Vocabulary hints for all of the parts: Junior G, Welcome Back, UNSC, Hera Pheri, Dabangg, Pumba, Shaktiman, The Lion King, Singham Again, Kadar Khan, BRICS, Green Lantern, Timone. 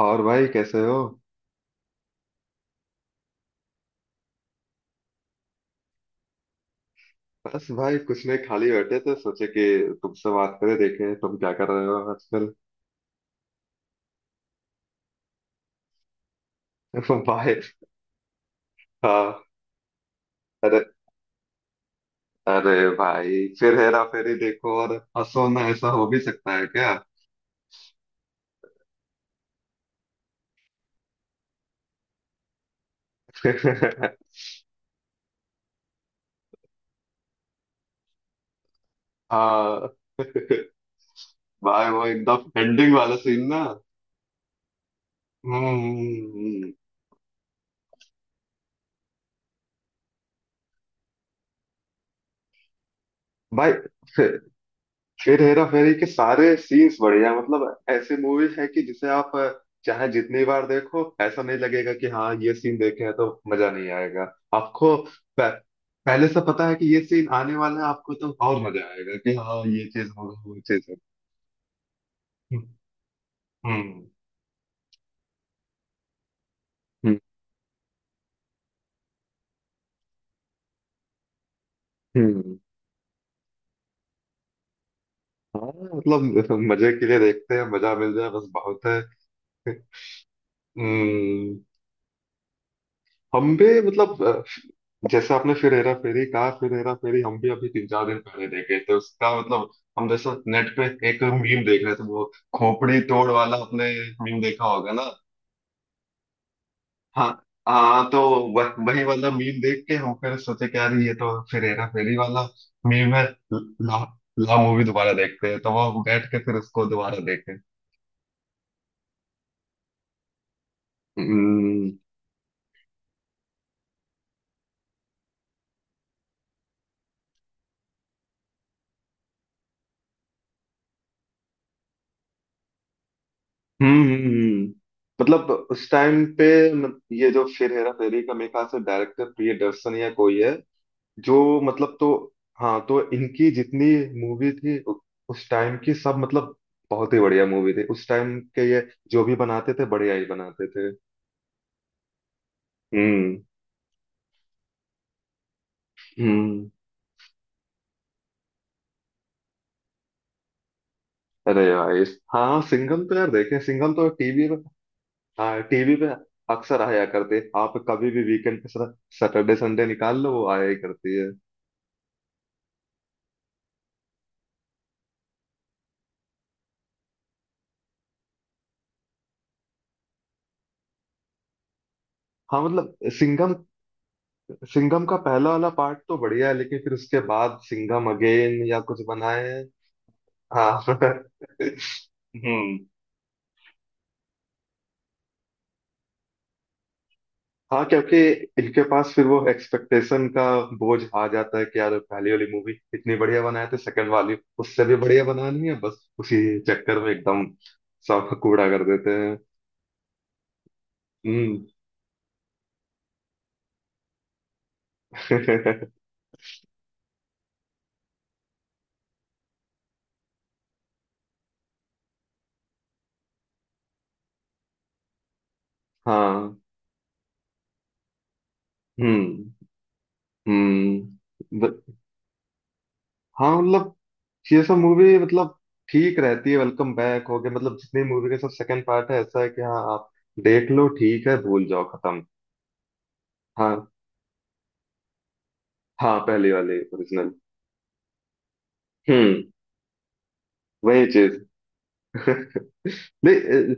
और भाई कैसे हो। बस भाई कुछ नहीं, खाली बैठे थे, सोचे कि तुमसे बात करें, देखें तुम क्या कर रहे हो आजकल। भाई हाँ। अरे, अरे भाई, फिर हेरा फेरी देखो और हंसो ना, ऐसा हो भी सकता है क्या? हाँ भाई, वो एकदम एंडिंग वाला सीन ना। हम्म हम्म, हम्म। भाई फिर हेरा फेरी के सारे सीन्स बढ़िया, मतलब ऐसे मूवीज है कि जिसे आप चाहे जितनी बार देखो ऐसा नहीं लगेगा कि हाँ ये सीन देखे हैं तो मजा नहीं आएगा आपको। प- पहले से पता है कि ये सीन आने वाला है आपको, तो और मजा आएगा कि हाँ ये चीज होगा वो चीज होगा। हम्म हम्म हम्म। हाँ मतलब मजे के लिए देखते हैं, मजा मिल जाए बस बहुत है। हम्म। हम भी मतलब जैसे आपने फिर हेरा फेरी कहा, फिर हेरा फेरी हम भी अभी 3 4 दिन पहले देखे थे उसका मतलब। हम जैसे नेट पे एक मीम देख रहे थे, वो खोपड़ी तोड़ वाला, आपने मीम देखा होगा ना? हाँ। हाँ तो वही वाला मीम देख के हम फिर सोचे कि यार ये तो फिर हेरा फेरी वाला मीम है। ला, ला मूवी दोबारा देखते हैं तो वो बैठ के फिर उसको दोबारा देखे। हम्म हम्म, हम्म। मतलब उस टाइम पे ये जो फिर हेरा फेरी का मेरे ख्याल से डायरेक्टर प्रियदर्शन या कोई है, जो मतलब। तो हाँ, तो इनकी जितनी मूवी थी उस टाइम की सब, मतलब बहुत ही बढ़िया मूवी थी उस टाइम के। ये जो भी बनाते थे बढ़िया ही बनाते थे। हम्म हम्म। अरे भाई। हाँ सिंघम तो यार देखे, सिंघम तो टीवी पे। हाँ टीवी पे अक्सर आया करते, आप कभी भी वीकेंड पे सैटरडे संडे निकाल लो, वो आया ही करती है। हाँ मतलब सिंघम, सिंघम का पहला वाला पार्ट तो बढ़िया है लेकिन फिर उसके बाद सिंघम अगेन या कुछ बनाए हैं। हाँ। हम्म। हाँ क्योंकि इनके पास फिर वो एक्सपेक्टेशन का बोझ आ जाता है कि यार पहली वाली मूवी इतनी बढ़िया बनाए थे, सेकंड वाली उससे भी बढ़िया बनानी है, बस उसी चक्कर में एकदम सब कूड़ा कर देते हैं। हम्म। हाँ। हम्म हम्म। हाँ मतलब ये सब मूवी मतलब ठीक रहती है, वेलकम बैक हो गया, मतलब जितनी मूवी के सब सेकंड पार्ट है ऐसा है कि हाँ आप देख लो ठीक है, भूल जाओ, खत्म। हाँ। हाँ पहले वाले ओरिजिनल। हम्म। वही चीज। नहीं। अ,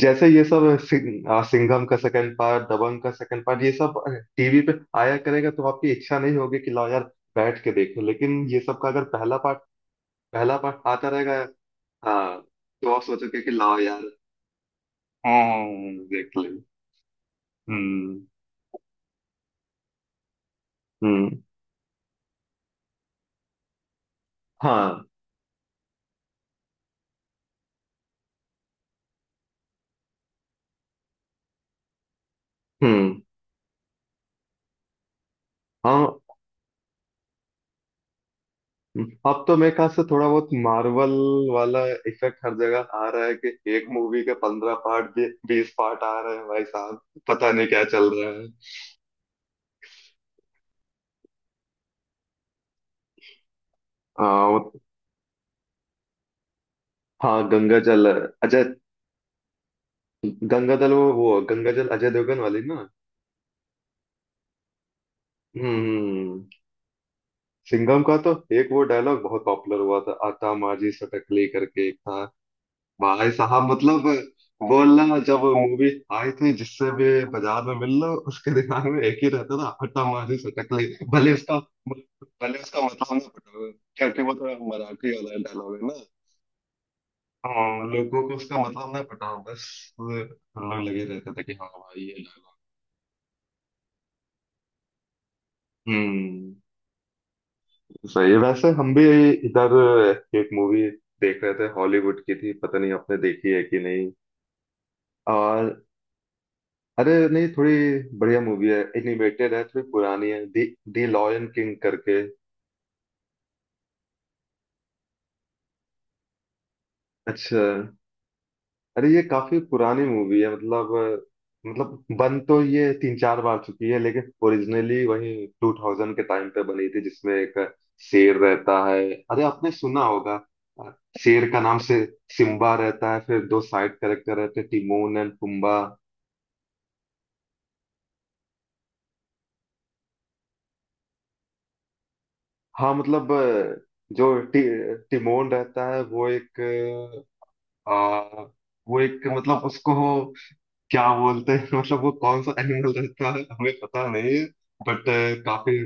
जैसे ये सब सिंघम का सेकंड पार्ट, दबंग का सेकंड पार्ट ये सब टीवी पे आया करेगा तो आपकी इच्छा नहीं होगी कि लाओ यार बैठ के देखो, लेकिन ये सब का अगर पहला पार्ट, पहला पार्ट आता रहेगा। हाँ तो आप सोचोगे कि लाओ यार, हाँ देख ले। हम्म हम्म। हाँ। हम्म। हाँ अब तो मेरे ख्याल से थोड़ा बहुत मार्वल वाला इफेक्ट हर जगह आ रहा है कि एक मूवी के 15 पार्ट, 20 पार्ट आ रहे हैं भाई साहब, पता नहीं क्या चल रहा है। हाँ हाँ गंगा जल, अजय गंगा जल, वो गंगा जल अजय देवगन वाली ना। हम्म हम्म, सिंघम का तो एक वो डायलॉग बहुत पॉपुलर हुआ था, आता माझी सटकली करके एक था। भाई साहब मतलब बोलना जब मूवी आई थी, जिससे भी बाजार में मिल लो उसके दिमाग में एक ही रहता था, हट्टा मारी सटक ले। भले उसका भले उसका मतलब ना पता हो, क्योंकि वो थोड़ा मराठी वाला डायलॉग है ना। हाँ लोगों को उसका मतलब ना पता हो, बस हम लोग लगे रहते थे कि हाँ भाई ये डायलॉग। हम्म। सही है। वैसे हम भी इधर एक मूवी देख रहे थे, हॉलीवुड की थी, पता नहीं आपने देखी है कि नहीं। अरे नहीं, थोड़ी बढ़िया मूवी है, एनिमेटेड है, थोड़ी पुरानी है, दी दी लॉयन किंग करके। अच्छा, अरे ये काफी पुरानी मूवी है मतलब मतलब बन तो ये 3 4 बार चुकी है लेकिन ओरिजिनली वही 2000 के टाइम पे बनी थी, जिसमें एक शेर रहता है, अरे आपने सुना होगा। अ, शेर का नाम से सिम्बा रहता है, फिर दो साइड कैरेक्टर रहते हैं टिमोन एंड पुम्बा। हाँ मतलब जो टिमोन रहता है वो एक आ, वो एक मतलब उसको क्या बोलते हैं मतलब वो कौन सा एनिमल रहता है हमें पता नहीं, बट काफी,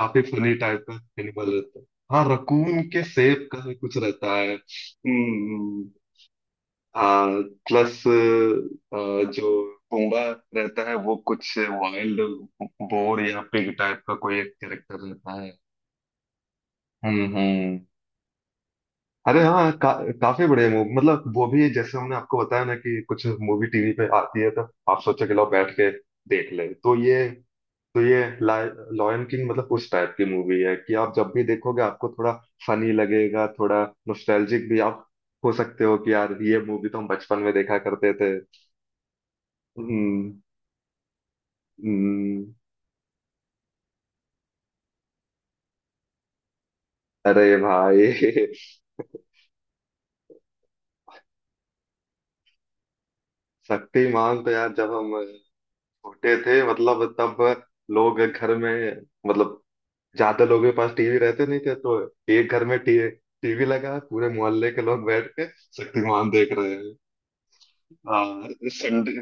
काफी फनी टाइप का एनिमल रहता है। हाँ रकून के शेप का भी कुछ रहता है। हम्म। प्लस जो पूंगा रहता है वो कुछ वाइल्ड बोर या पिग टाइप का कोई एक कैरेक्टर रहता है। हम्म। अरे हाँ काफी बढ़िया मूवी, मतलब वो भी जैसे हमने आपको बताया ना कि कुछ मूवी टीवी पे आती है तो आप सोचो कि लो बैठ के देख ले, तो ये लॉयन किंग मतलब उस टाइप की मूवी है कि आप जब भी देखोगे आपको थोड़ा फनी लगेगा, थोड़ा नॉस्टैल्जिक भी आप हो सकते हो कि यार ये मूवी तो हम बचपन में देखा करते थे। हम्म हम्म, अरे भाई। शक्तिमान तो यार जब हम छोटे थे, मतलब तब लोग घर में मतलब ज्यादा लोगों के पास टीवी रहते नहीं थे तो एक घर में टीवी लगा पूरे मोहल्ले के लोग बैठ के शक्तिमान देख रहे हैं। हाँ संडे,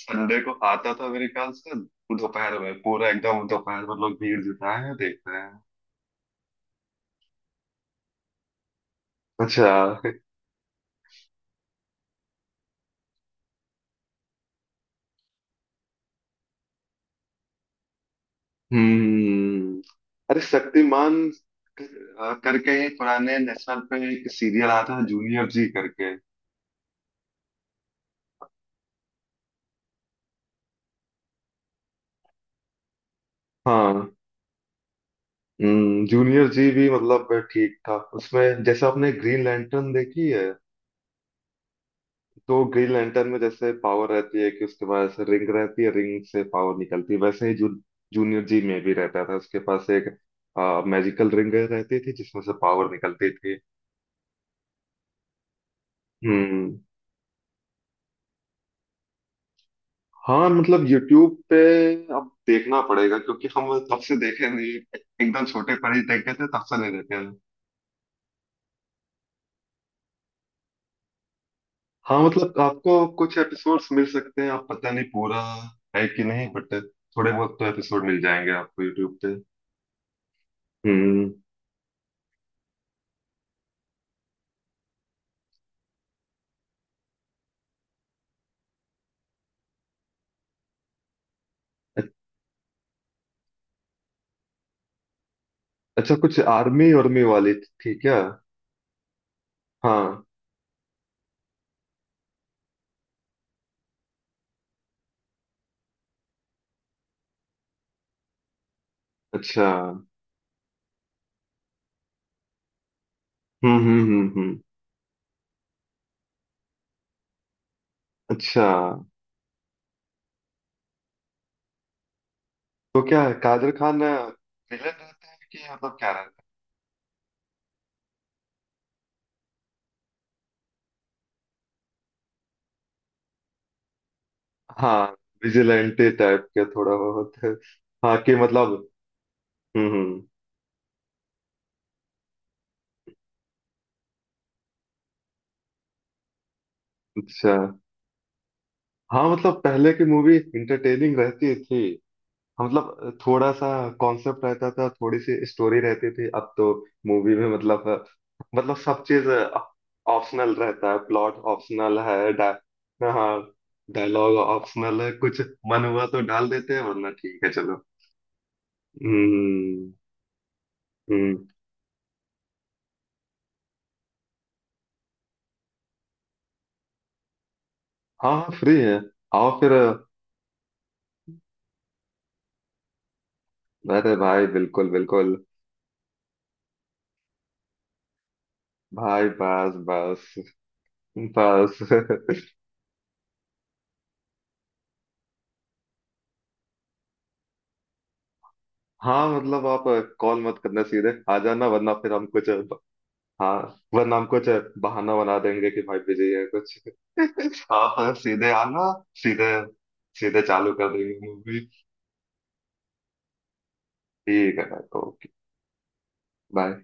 संडे को आता था मेरे ख्याल से, दोपहर में पूरा एकदम दोपहर में लोग भीड़ जुटाए हैं देख रहे हैं। अच्छा। हम्म। अरे शक्तिमान करके ही पुराने नेशनल पे एक सीरियल आता है, जूनियर जी करके। हाँ। जूनियर जी भी मतलब ठीक था, उसमें जैसे आपने ग्रीन लैंटर्न देखी है तो ग्रीन लैंटर्न में जैसे पावर रहती है कि उसके पास रिंग रहती है, रिंग से पावर निकलती है, वैसे ही जूनियर जी में भी रहता था उसके पास एक मैजिकल रिंग रहती थी जिसमें से पावर निकलती थी। हम्म। हाँ मतलब यूट्यूब पे अब देखना पड़ेगा क्योंकि हम तब से देखे नहीं, एकदम छोटे पर ही देखे थे, तब से नहीं देखे हैं। हाँ मतलब आपको कुछ एपिसोड्स मिल सकते हैं, आप पता नहीं पूरा है कि नहीं, बट थोड़े बहुत तो एपिसोड मिल जाएंगे आपको यूट्यूब पे। हम्म। अच्छा कुछ आर्मी उर्मी वाली थी क्या? हाँ। अच्छा हम्म। अच्छा, तो क्या है, कादर खान विलन रहता है कि मतलब क्या रहता है? हाँ विजिलेंटे टाइप के थोड़ा बहुत है। हाँ कि मतलब। हम्म हम्म, अच्छा। हाँ मतलब पहले की मूवी इंटरटेनिंग रहती थी। हाँ, मतलब थोड़ा सा कॉन्सेप्ट रहता था, थोड़ी सी स्टोरी रहती थी। अब तो मूवी में मतलब सब चीज ऑप्शनल रहता है, प्लॉट ऑप्शनल है, हाँ डायलॉग ऑप्शनल है, कुछ मन हुआ तो डाल देते हैं वरना ठीक है चलो। हम्म हम्म हम्म। हाँ हाँ फ्री है, आओ फिर। अरे भाई बिल्कुल बिल्कुल। भाई बस, बस, बस। हाँ मतलब आप कॉल मत करना, सीधे आ जाना, वरना फिर हम कुछ। हाँ वरना हम कुछ बहाना बना देंगे कि भाई बिजी है कुछ। हाँ हाँ सीधे आना, सीधे, सीधे चालू कर देंगे मूवी। ठीक है। ओके। बाय।